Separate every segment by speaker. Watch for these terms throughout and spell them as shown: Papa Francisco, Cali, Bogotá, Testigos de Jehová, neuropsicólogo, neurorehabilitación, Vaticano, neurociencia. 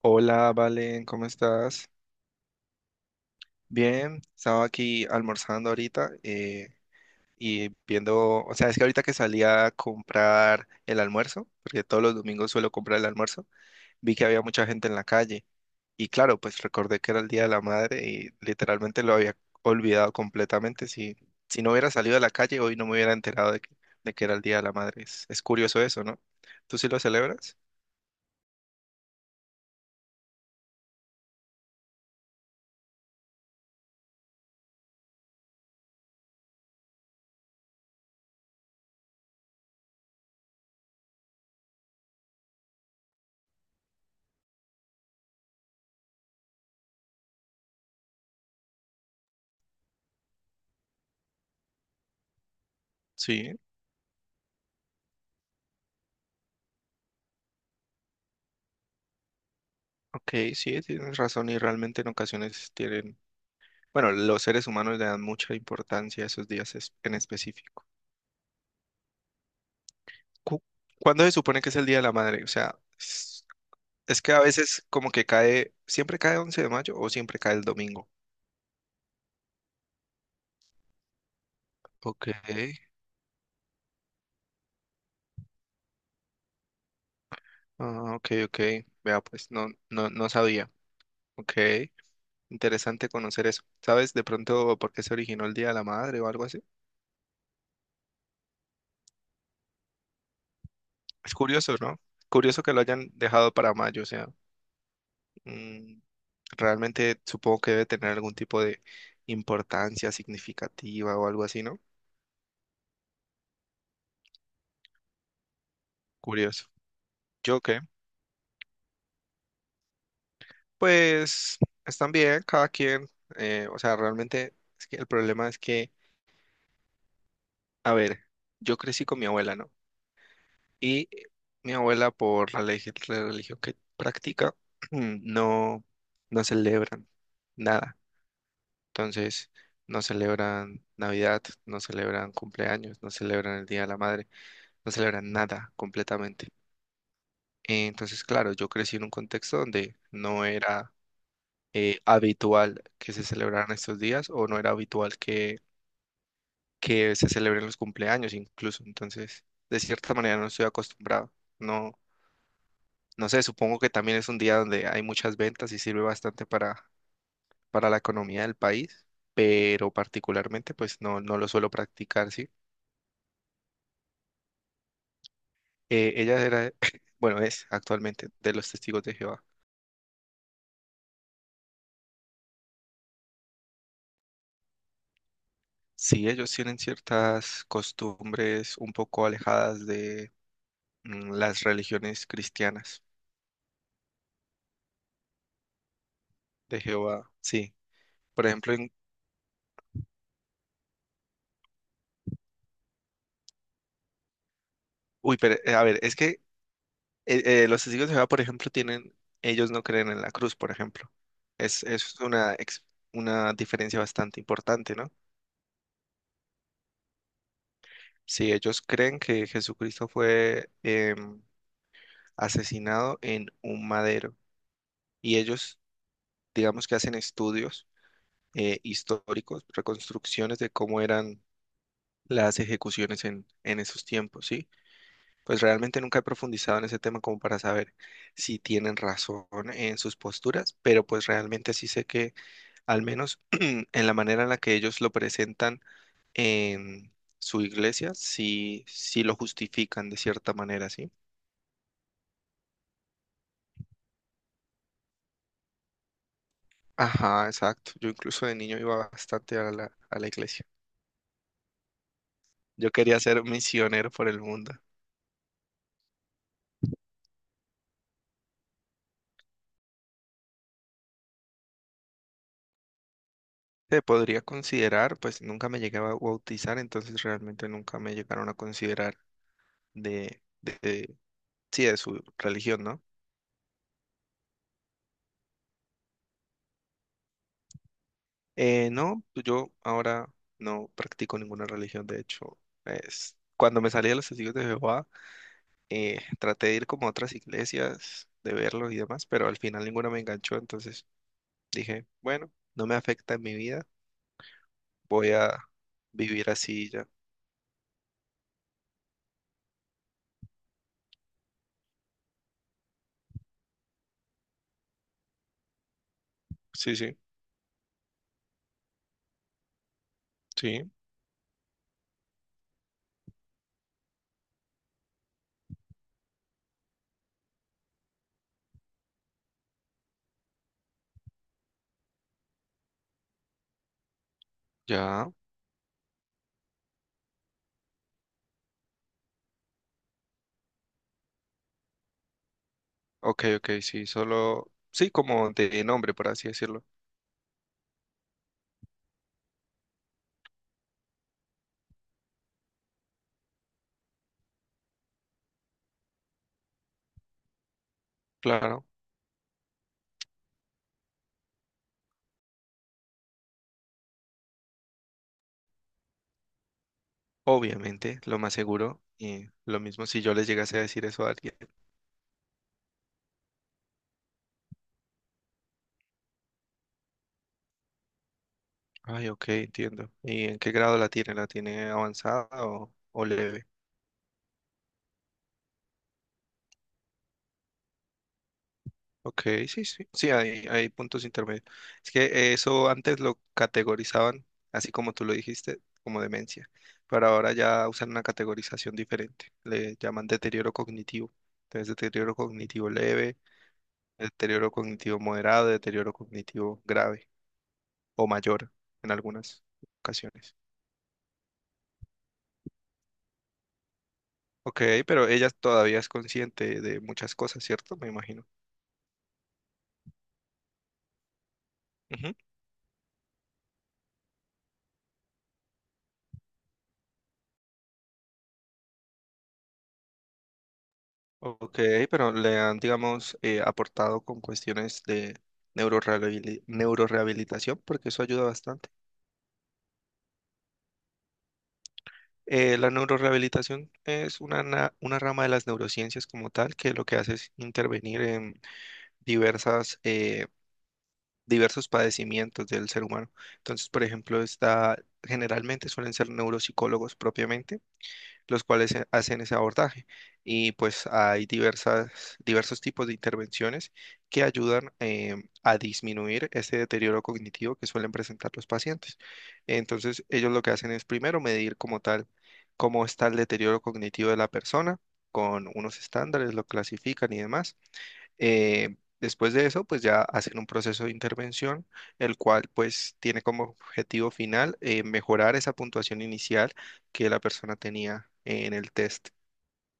Speaker 1: Hola, Valen, ¿cómo estás? Bien, estaba aquí almorzando ahorita y viendo, o sea, es que ahorita que salí a comprar el almuerzo, porque todos los domingos suelo comprar el almuerzo, vi que había mucha gente en la calle y claro, pues recordé que era el Día de la Madre y literalmente lo había olvidado completamente. Si, si no hubiera salido a la calle, hoy no me hubiera enterado de que era el Día de la Madre. Es curioso eso, ¿no? ¿Tú sí lo celebras? Sí. Ok, sí, tienes razón y realmente en ocasiones tienen. Bueno, los seres humanos le dan mucha importancia a esos días en específico. Cu- ¿Cuándo se supone que es el Día de la Madre? O sea, es que a veces como que cae, siempre cae 11 de mayo o siempre cae el domingo. Ok, ah, ok, ok. Vea, pues no, no, no sabía. Ok, interesante conocer eso. ¿Sabes de pronto por qué se originó el Día de la Madre o algo así? Es curioso, ¿no? Curioso que lo hayan dejado para mayo, o sea, mm, realmente supongo que debe tener algún tipo de importancia significativa o algo así, ¿no? Curioso. ¿Yo qué? Pues están bien, cada quien. O sea, realmente es que el problema es que, a ver, yo crecí con mi abuela, ¿no? Y mi abuela, la religión que practica, no, no celebran nada. Entonces, no celebran Navidad, no celebran cumpleaños, no celebran el Día de la Madre, no celebran nada completamente. Entonces, claro, yo crecí en un contexto donde no era habitual que se celebraran estos días o no era habitual que se celebren los cumpleaños incluso. Entonces, de cierta manera no estoy acostumbrado. No, no sé, supongo que también es un día donde hay muchas ventas y sirve bastante para la economía del país, pero particularmente pues no lo suelo practicar, ¿sí? Ella era, bueno, es actualmente de los Testigos de Jehová. Sí, ellos tienen ciertas costumbres un poco alejadas de las religiones cristianas de Jehová. Sí, por ejemplo, en... uy, pero a ver, es que los testigos de Jehová, por ejemplo, tienen, ellos no creen en la cruz, por ejemplo. Es una diferencia bastante importante, ¿no? Sí, ellos creen que Jesucristo fue asesinado en un madero y ellos, digamos que hacen estudios históricos, reconstrucciones de cómo eran las ejecuciones en esos tiempos, ¿sí? Pues realmente nunca he profundizado en ese tema como para saber si tienen razón en sus posturas, pero pues realmente sí sé que al menos en la manera en la que ellos lo presentan en su iglesia, sí, sí lo justifican de cierta manera, ¿sí? Ajá, exacto. Yo incluso de niño iba bastante a la iglesia. Yo quería ser misionero por el mundo. Se podría considerar, pues nunca me llegué a bautizar, entonces realmente nunca me llegaron a considerar de, de- de- sí, de su religión, ¿no? No, pues, yo ahora no practico ninguna religión, de hecho, cuando me salí de los testigos de Jehová, traté de ir como a otras iglesias, de verlos y demás, pero al final ninguna me enganchó, entonces dije, bueno, no me afecta en mi vida, voy a vivir así y ya. Sí, sí, sí, ya, ok, ok, sí, solo, sí, como de nombre, por así decirlo, claro. Obviamente, lo más seguro, y lo mismo si yo les llegase a decir eso a alguien. Ay, ok, entiendo. ¿Y en qué grado la tiene? ¿La tiene avanzada o leve? Ok, sí, sí, sí, hay puntos intermedios. Es que eso antes lo categorizaban, así como tú lo dijiste, como demencia, pero ahora ya usan una categorización diferente. Le llaman deterioro cognitivo. Entonces, deterioro cognitivo leve, deterioro cognitivo moderado, deterioro cognitivo grave o mayor en algunas ocasiones. Ok, pero ella todavía es consciente de muchas cosas, ¿cierto? Me imagino. Ujú. Ok, pero le han, digamos, aportado con cuestiones de neurorehabilitación, porque eso ayuda bastante. La neurorehabilitación es una rama de las neurociencias como tal, que lo que hace es intervenir en diversas, eh, diversos padecimientos del ser humano. Entonces, por ejemplo, está, generalmente suelen ser neuropsicólogos propiamente los cuales hacen ese abordaje. Y pues hay diversos tipos de intervenciones que ayudan a disminuir este deterioro cognitivo que suelen presentar los pacientes. Entonces, ellos lo que hacen es primero medir como tal cómo está el deterioro cognitivo de la persona con unos estándares, lo clasifican y demás. Después de eso, pues ya hacen un proceso de intervención, el cual pues tiene como objetivo final mejorar esa puntuación inicial que la persona tenía en el test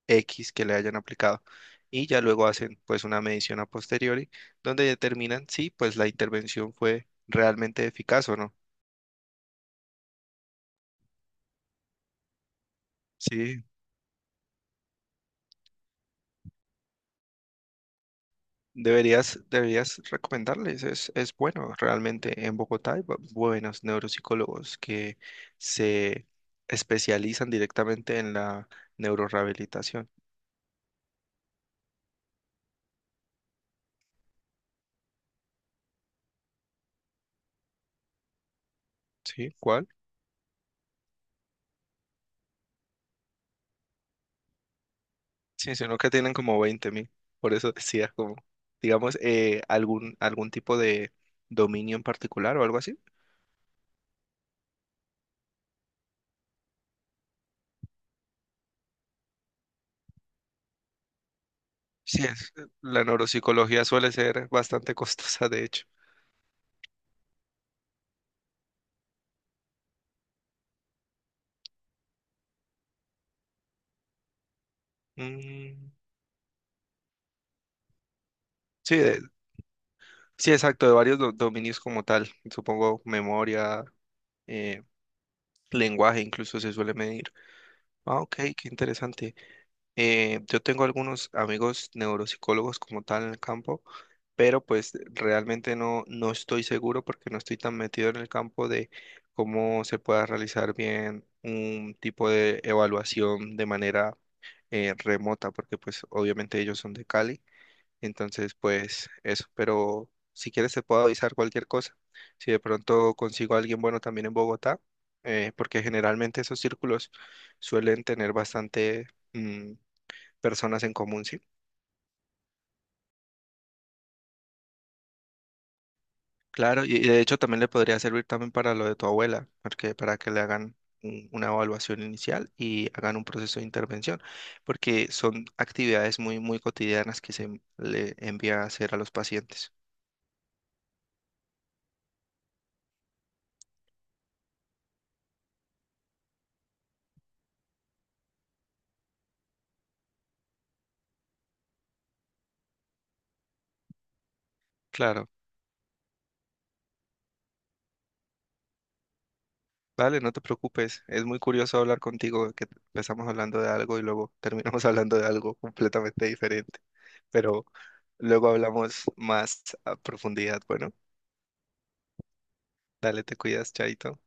Speaker 1: X que le hayan aplicado. Y ya luego hacen pues una medición a posteriori donde determinan si pues la intervención fue realmente eficaz o no. Sí, deberías recomendarles, es bueno, realmente en Bogotá hay buenos neuropsicólogos que se especializan directamente en la neurorehabilitación, ¿sí? ¿Cuál? Sí, sino que tienen como 20.000, por eso decía como, digamos, algún tipo de dominio en particular o algo así. Sí, la neuropsicología suele ser bastante costosa, de hecho. Mm, sí, sí, exacto, de varios dominios como tal. Supongo memoria, eh, lenguaje incluso se suele medir. Ah, ok, qué interesante. Yo tengo algunos amigos neuropsicólogos como tal en el campo, pero pues realmente no estoy seguro porque no estoy tan metido en el campo de cómo se pueda realizar bien un tipo de evaluación de manera remota, porque pues obviamente ellos son de Cali entonces, pues eso, pero si quieres te puedo avisar cualquier cosa. Si de pronto consigo a alguien bueno también en Bogotá, porque generalmente esos círculos suelen tener bastante mm, personas en común, sí. Claro, y de hecho también le podría servir también para lo de tu abuela, porque para que le hagan una evaluación inicial y hagan un proceso de intervención, porque son actividades muy, muy cotidianas que se le envía a hacer a los pacientes. Claro. Vale, no te preocupes. Es muy curioso hablar contigo, que empezamos hablando de algo y luego terminamos hablando de algo completamente diferente. Pero luego hablamos más a profundidad. Bueno, dale, te cuidas, Chaito.